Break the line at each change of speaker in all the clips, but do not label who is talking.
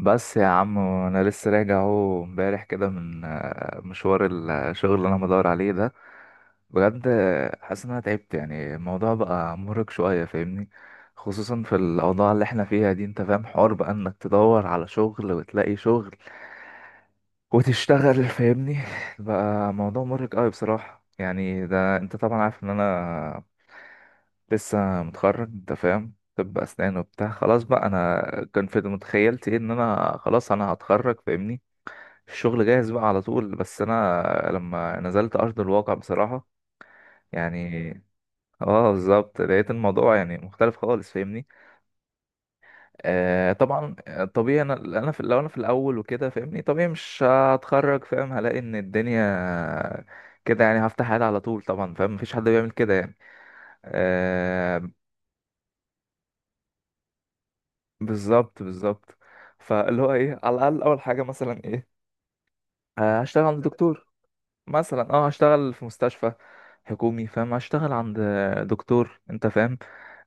بس يا عم انا لسه راجع اهو امبارح كده من مشوار الشغل اللي انا بدور عليه ده. بجد حاسس ان انا تعبت، يعني الموضوع بقى مرهق شويه فاهمني، خصوصا في الاوضاع اللي احنا فيها دي. انت فاهم حوار بقى انك تدور على شغل وتلاقي شغل وتشتغل فاهمني، بقى موضوع مرهق قوي بصراحة. يعني ده انت طبعا عارف ان انا لسه متخرج، انت فاهم، طب اسنان وبتاع، خلاص بقى انا كان في متخيلتي ايه، ان انا خلاص انا هتخرج فاهمني، الشغل جاهز بقى على طول. بس انا لما نزلت ارض الواقع بصراحة يعني، اه بالظبط، لقيت الموضوع يعني مختلف خالص فاهمني. آه طبعا، طبيعي انا لو انا في الاول وكده فاهمني، طبيعي مش هتخرج فاهم، هلاقي ان الدنيا كده، يعني هفتح حالي على طول، طبعا فاهم، مفيش حد بيعمل كده يعني. آه بالظبط بالظبط. فاللي هو ايه، على الاقل اول حاجه مثلا ايه، هشتغل عند دكتور، مثلا اه هشتغل في مستشفى حكومي فاهم، هشتغل عند دكتور انت فاهم،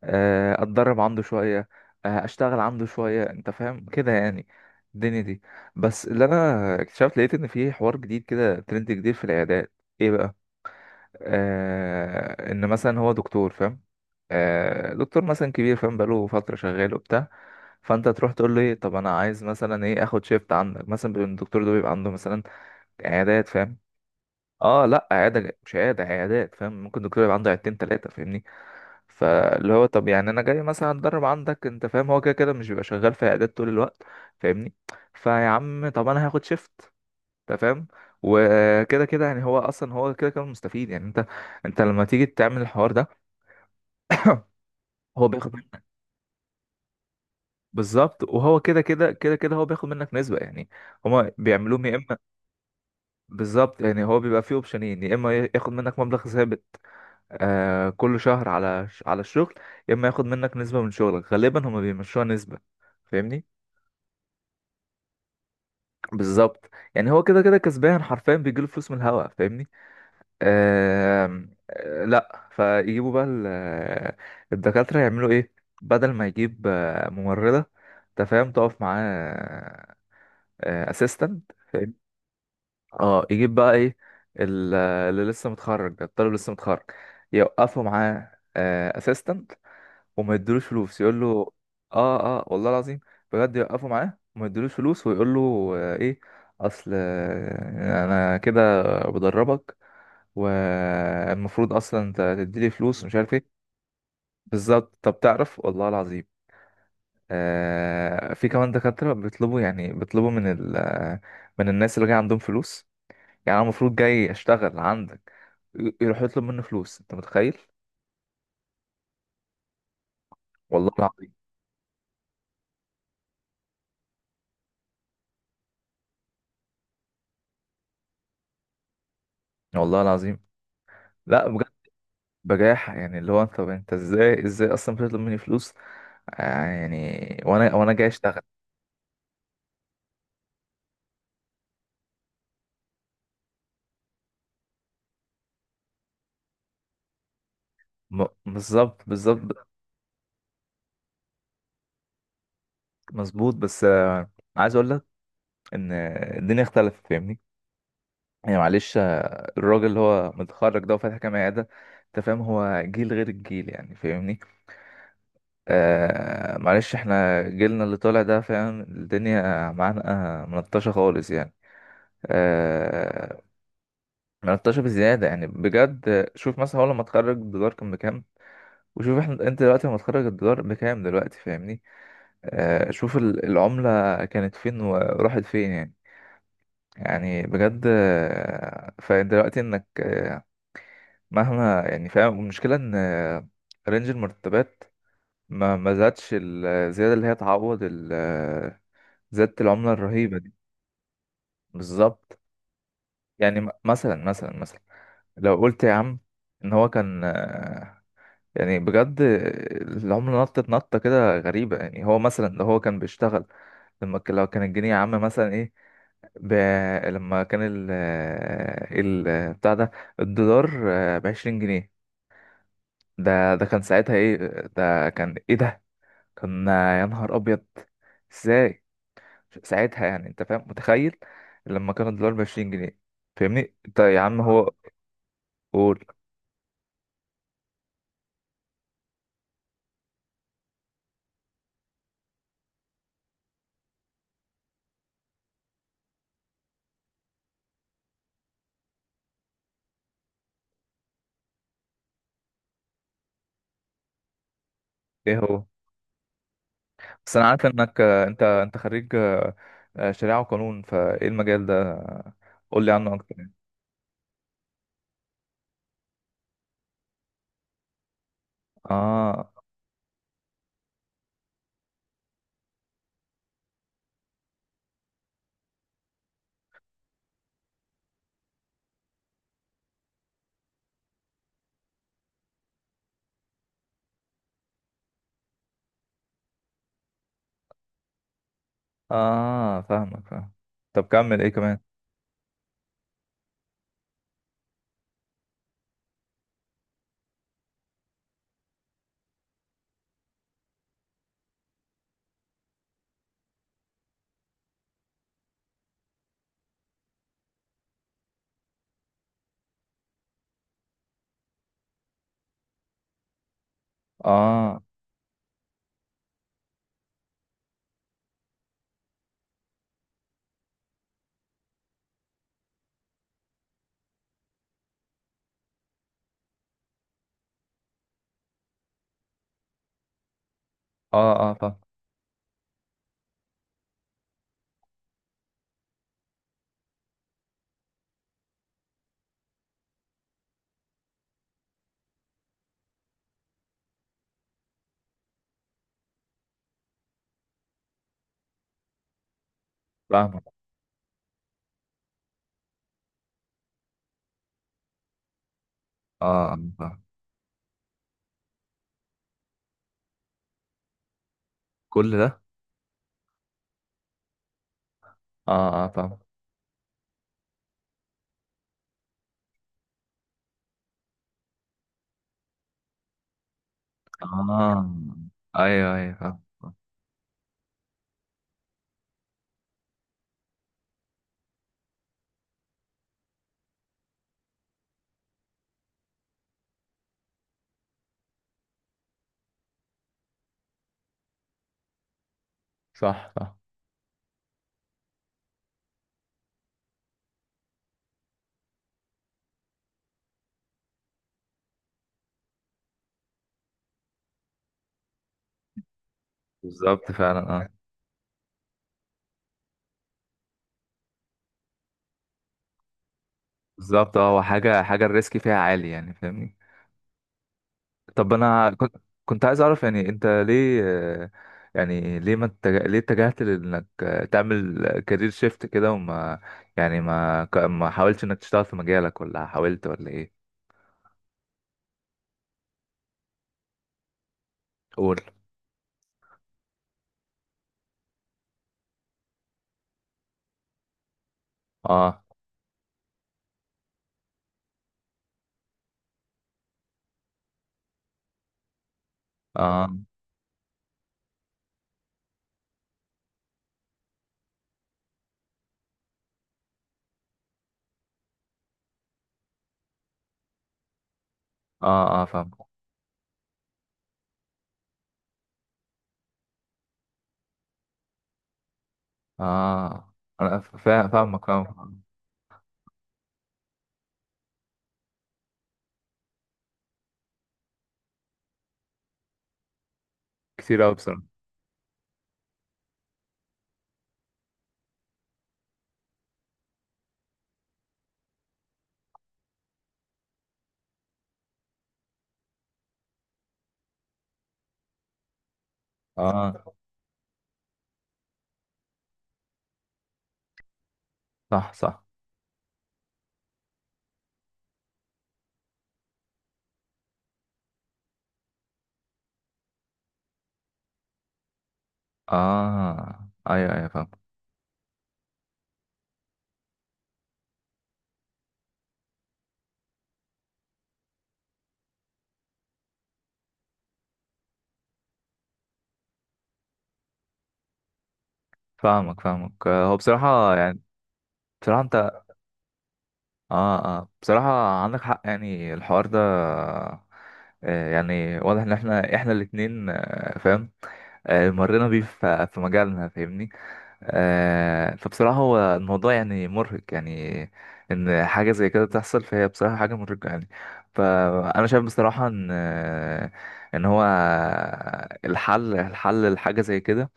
اتدرب عنده شوية، اشتغل عنده شوية، انت فاهم كده يعني الدنيا دي. بس اللي انا اكتشفت، لقيت ان في حوار جديد كده، ترند جديد في العيادات. ايه بقى؟ ان مثلا هو دكتور فاهم، دكتور مثلا كبير فاهم، بقاله فترة شغال وبتاع، فانت تروح تقول له ايه، طب انا عايز مثلا ايه، اخد شيفت عندك مثلا. بيبقى الدكتور ده بيبقى عنده مثلا عيادات فاهم، اه لا عياده، مش عياده، عيادات فاهم، ممكن الدكتور يبقى عنده عيادتين ثلاثه فاهمني. فاللي هو طب يعني انا جاي مثلا اتدرب عندك انت فاهم، هو كده كده مش بيبقى شغال في عيادات طول الوقت فاهمني. فيا عم طب انا هاخد شيفت، انت فاهم، وكده كده يعني هو اصلا كده كده مستفيد يعني. انت انت لما تيجي تعمل الحوار ده هو بياخد منك. بالظبط، وهو كده كده هو بياخد منك نسبة يعني. هما بيعملوهم يا اما بالظبط، يعني هو بيبقى فيه اوبشنين، يا اما ياخد منك مبلغ ثابت كل شهر على الشغل، يا اما ياخد منك نسبة من شغلك، غالبا هما بيمشوها نسبة فاهمني. بالظبط، يعني هو كده كده كسبان حرفيا، بيجيله فلوس من الهوا فاهمني. آم، آه لا فيجيبوا بقى الدكاترة يعملوا ايه، بدل ما يجيب ممرضة انت فاهم تقف معاه، اسيستنت فاهم، اه يجيب بقى ايه، اللي لسه متخرج ده، الطالب لسه متخرج، يوقفوا معاه اسيستنت وما يدلوش فلوس. يقول له اه اه، والله العظيم بجد، يوقفوا معاه وما يدلوش فلوس، ويقول له ايه، اصل انا كده بدربك، والمفروض اصلا انت تديلي فلوس، مش عارف ايه. بالظبط. طب تعرف، والله العظيم، في كمان دكاترة بيطلبوا، يعني بيطلبوا من ال آه، من الناس اللي جاي عندهم فلوس. يعني انا المفروض جاي اشتغل عندك، يروح يطلب منه فلوس، انت متخيل؟ والله العظيم، والله العظيم، لا بجد. بجاحة يعني، اللي هو انت، طب انت ازاي اصلا بتطلب مني فلوس، يعني، وانا جاي اشتغل. بالظبط بالظبط. مظبوط، بس عايز اقول لك ان الدنيا اختلفت فاهمني. يعني معلش الراجل اللي هو متخرج ده وفاتح كام عيادة انت فاهم، هو جيل غير الجيل يعني فاهمني. آه معلش، احنا جيلنا اللي طالع ده فاهم الدنيا معانا ملطشة خالص يعني. آه ملطشة بزيادة، يعني بجد شوف، مثلا هو لما اتخرج الدولار كان بكام، وشوف احنا، انت دلوقتي لما تخرج الدولار بكام دلوقتي فاهمني. آه شوف العملة كانت فين وراحت فين يعني. يعني بجد، فانت دلوقتي انك مهما يعني فاهم، المشكلة ان رينج المرتبات ما زادش الزيادة اللي هي تعوض زيادة العملة الرهيبة دي. بالظبط. يعني مثلا لو قلت يا عم ان هو كان يعني بجد، العملة نطت نطة كده غريبة. يعني هو مثلا لو هو كان بيشتغل، لو كان الجنيه يا عم مثلا ايه، ب... لما كان ال بتاع ده، الدولار بـ20 جنيه، ده كان ساعتها ايه، ده كان ايه، ده كان يا نهار ابيض. ازاي ساعتها يعني، انت فاهم متخيل، لما كان الدولار بـ20 جنيه. فاهمني انت يا عم هو قول ايه هو. بس انا عارف انك انت خريج شريعة وقانون، فايه المجال ده قول لي عنه اكتر يعني. اه اه فاهمك فاهم. طب كمل ايه كمان. اه اه اه فاهم. فاهمك اه، فاهم. كل ده؟ اه اه فاهم. اه ايوه ايوه فاهم فاهم. صح صح. بالظبط فعلا اه. بالظبط اه، هو حاجة، حاجة الريسك فيها عالي يعني فاهمني. طب انا كنت، كنت عايز اعرف يعني انت ليه يعني ليه ما اتجه... ليه اتجهت لانك تعمل كارير شيفت كده، وما يعني ما حاولتش انك تشتغل في مجالك، ولا حاولت، ولا ايه؟ قول. اه اه اه اه فاهم. اه فاهمك فاهم. كتير قوي بصراحه. اه صح صح. اه ايوه ايوه فاهم. فاهمك فاهمك، هو بصراحه يعني. بصراحه انت، اه اه بصراحة عندك حق، يعني الحوار ده يعني واضح ان احنا الاتنين فاهم مرينا بيه في مجالنا فاهمني. فبصراحة هو الموضوع يعني مرهق يعني، ان حاجة زي كده تحصل، فهي بصراحة حاجة مرهقة يعني. فانا شايف بصراحة ان ان هو الحل لحاجة زي كده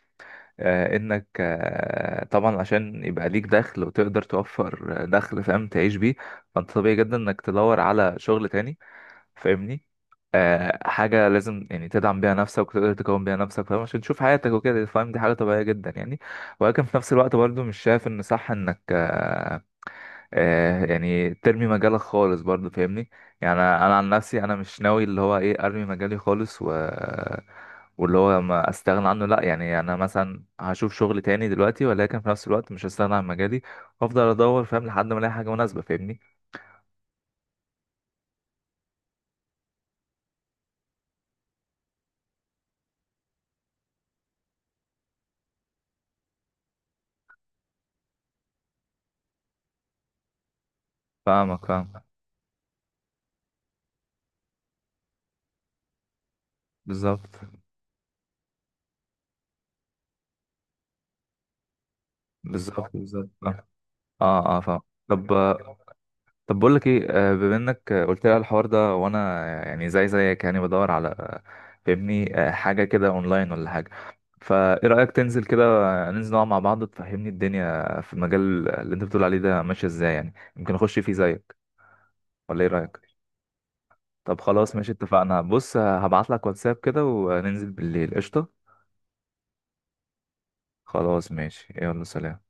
انك طبعا عشان يبقى ليك دخل، وتقدر توفر دخل فاهم تعيش بيه. فانت طبيعي جدا انك تدور على شغل تاني فاهمني، حاجة لازم يعني تدعم بيها نفسك، وتقدر تكون بيها نفسك فاهم، عشان تشوف حياتك وكده فاهم، دي حاجة طبيعية جدا يعني. ولكن في نفس الوقت برضو مش شايف ان صح انك يعني ترمي مجالك خالص برضه فاهمني. يعني انا عن نفسي انا مش ناوي اللي هو ايه، ارمي مجالي خالص و، واللي هو ما استغنى عنه لا، يعني انا مثلا هشوف شغل تاني دلوقتي، ولكن في نفس الوقت مش هستغنى عن مجالي، وافضل ادور فاهم لحد ما الاقي حاجه مناسبه فاهمني. فاهمك فاهم. بالظبط بالظبط. بالظبط فاهم. اه اه فاهم. طب طب بقول لك ايه، بما انك قلت لي على الحوار ده، وانا يعني زيك يعني بدور على فاهمني حاجه كده اونلاين ولا حاجه، فايه رايك تنزل كده ننزل نقعد مع بعض، تفهمني الدنيا في المجال اللي انت بتقول عليه ده ماشيه ازاي، يعني يمكن اخش فيه زيك، ولا ايه رايك؟ طب خلاص ماشي، اتفقنا. بص هبعت لك واتساب كده وننزل بالليل، قشطه. خلاص ماشي، يلا سلام.